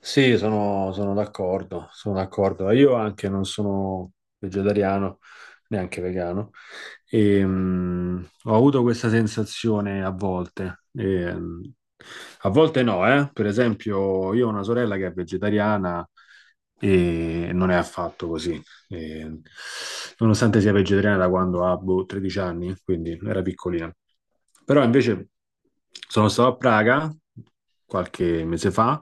Sì, sono d'accordo, sono d'accordo. Io anche non sono vegetariano, neanche vegano, e, ho avuto questa sensazione a volte. E, a volte no, eh. Per esempio, io ho una sorella che è vegetariana e non è affatto così. E, nonostante sia vegetariana da quando ha boh, 13 anni, quindi era piccolina. Però invece sono stato a Praga qualche mese fa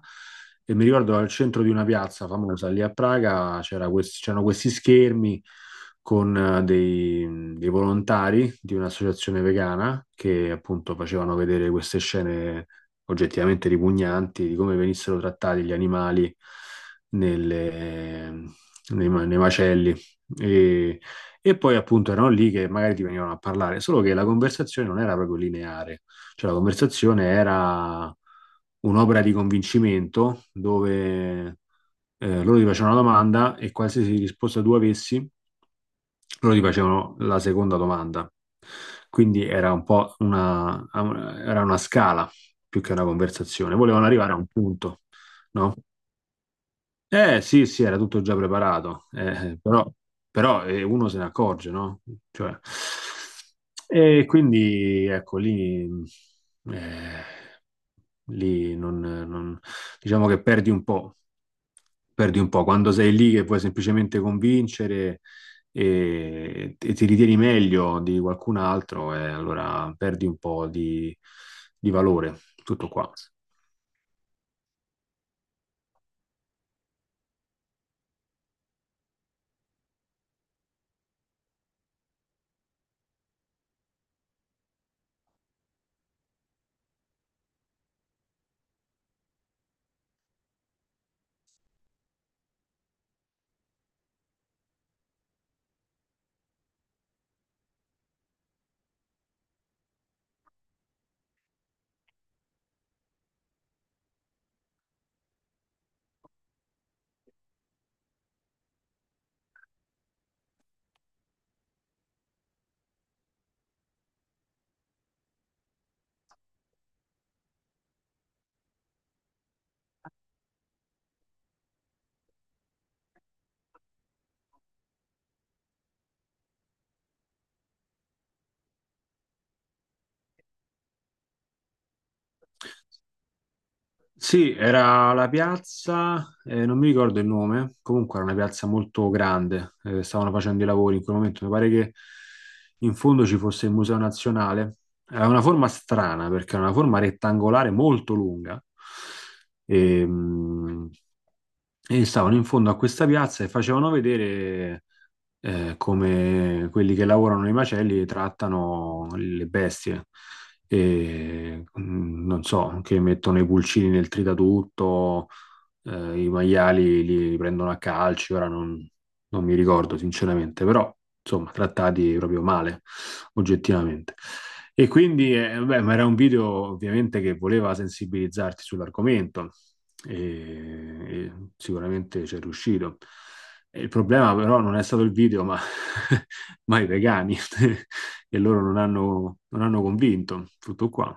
e mi ricordo al centro di una piazza famosa lì a Praga c'erano questi schermi con dei volontari di un'associazione vegana che appunto facevano vedere queste scene oggettivamente ripugnanti di come venissero trattati gli animali nelle, nei macelli. E, e poi appunto erano lì che magari ti venivano a parlare, solo che la conversazione non era proprio lineare, cioè la conversazione era un'opera di convincimento dove loro ti facevano una domanda e qualsiasi risposta tu avessi, loro ti facevano la seconda domanda. Quindi era una scala più che una conversazione, volevano arrivare a un punto, no? Eh sì, sì, era tutto già preparato, però, però, uno se ne accorge, no? Cioè, e quindi ecco lì, eh, lì diciamo che perdi un po' quando sei lì che puoi semplicemente convincere e ti ritieni meglio di qualcun altro, e allora perdi un po' di valore, tutto qua. Sì, era la piazza, non mi ricordo il nome, comunque era una piazza molto grande, stavano facendo i lavori in quel momento, mi pare che in fondo ci fosse il Museo Nazionale, ha una forma strana perché è una forma rettangolare molto lunga e, e stavano in fondo a questa piazza e facevano vedere come quelli che lavorano nei macelli e trattano le bestie. E, non so, che mettono i pulcini nel tritatutto, i maiali li prendono a calci, ora non, non mi ricordo sinceramente, però insomma trattati proprio male, oggettivamente. E quindi, beh, ma era un video ovviamente che voleva sensibilizzarti sull'argomento e sicuramente ci è riuscito. E il problema però non è stato il video, ma, ma i vegani, e loro non hanno convinto, tutto qua.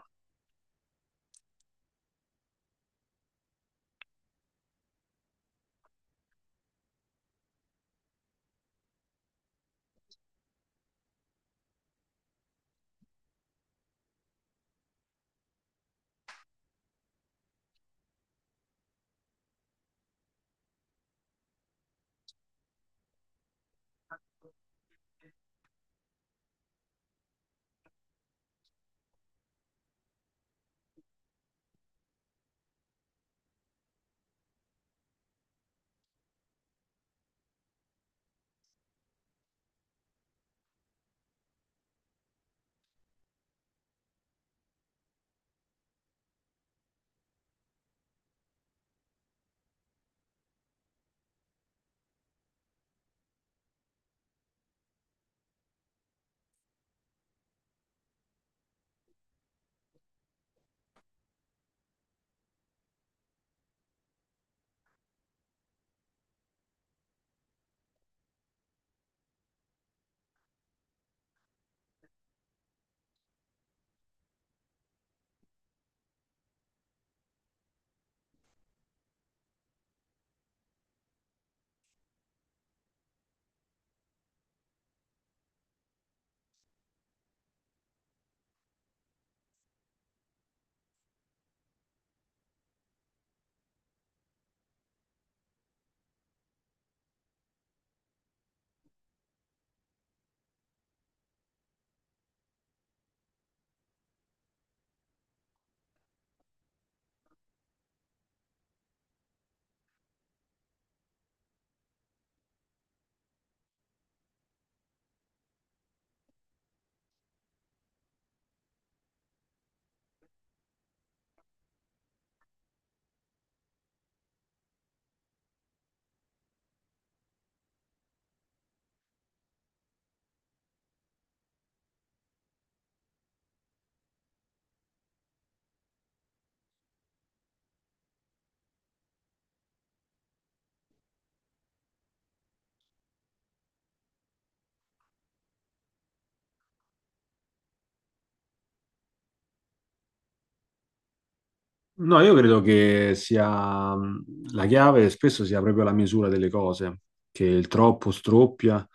No, io credo che sia la chiave spesso sia proprio la misura delle cose, che il troppo stroppia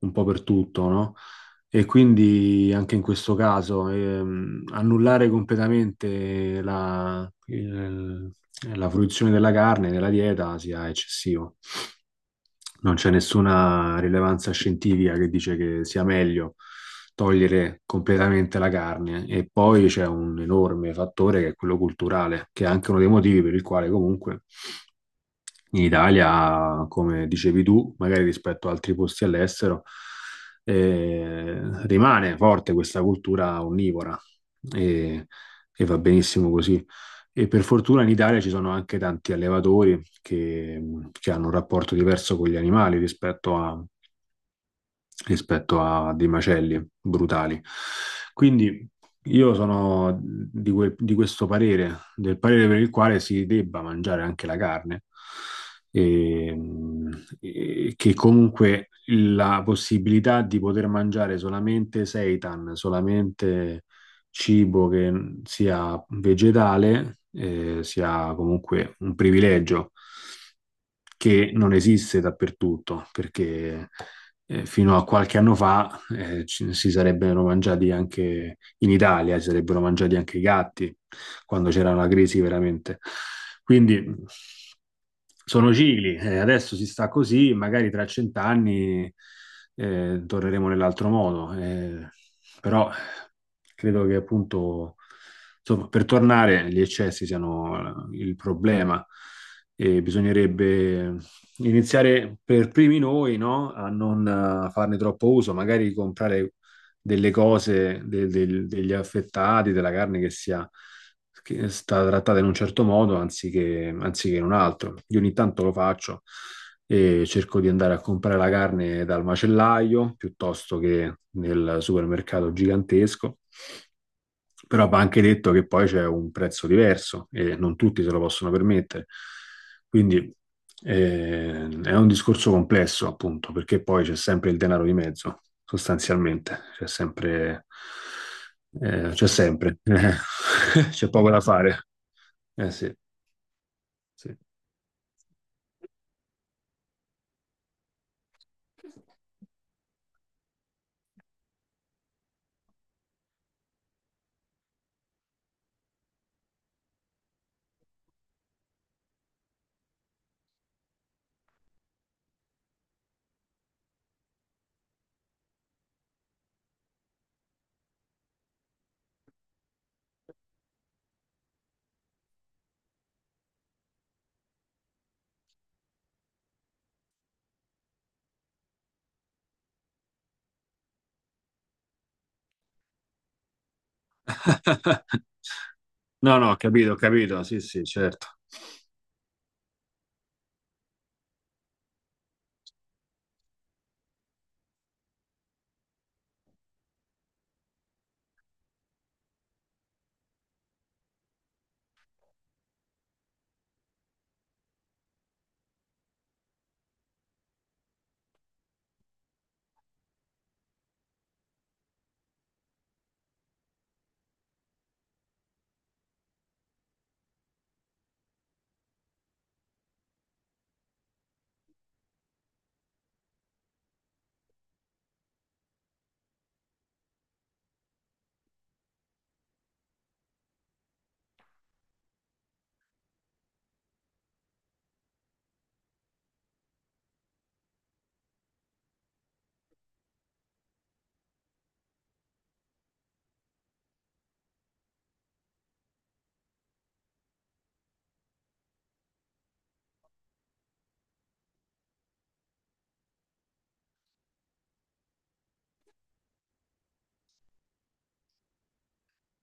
un po' per tutto, no? E quindi anche in questo caso annullare completamente la la fruizione della carne nella dieta sia eccessivo, non c'è nessuna rilevanza scientifica che dice che sia meglio togliere completamente la carne e poi c'è un enorme fattore che è quello culturale, che è anche uno dei motivi per il quale comunque in Italia, come dicevi tu, magari rispetto ad altri posti all'estero, eh, rimane forte questa cultura onnivora e, e va benissimo così. E per fortuna in Italia ci sono anche tanti allevatori che hanno un rapporto diverso con gli animali rispetto a dei macelli brutali. Quindi io di questo parere, del parere per il quale si debba mangiare anche la carne e, e che comunque la possibilità di poter mangiare solamente seitan, solamente cibo che sia vegetale, sia comunque un privilegio che non esiste dappertutto, perché fino a qualche anno fa si sarebbero mangiati anche in Italia, si sarebbero mangiati anche i gatti, quando c'era una crisi veramente. Quindi sono cicli, adesso si sta così, magari tra 100 anni torneremo nell'altro modo, però credo che appunto, insomma, per tornare gli eccessi siano il problema e bisognerebbe iniziare per primi noi, no? A non farne troppo uso, magari comprare delle cose, degli affettati, della carne che è stata trattata in un certo modo anziché in un altro. Io ogni tanto lo faccio e cerco di andare a comprare la carne dal macellaio piuttosto che nel supermercato gigantesco. Però va anche detto che poi c'è un prezzo diverso e non tutti se lo possono permettere. Quindi è un discorso complesso, appunto, perché poi c'è sempre il denaro di mezzo, sostanzialmente. C'è sempre, c'è poco da fare. Eh sì, sì. No, no, ho capito, sì, sì, certo.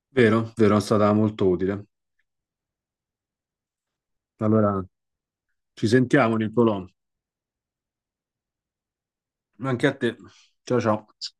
Vero, vero, è stata molto utile. Allora, ci sentiamo, Nicolò. Anche a te. Ciao, ciao.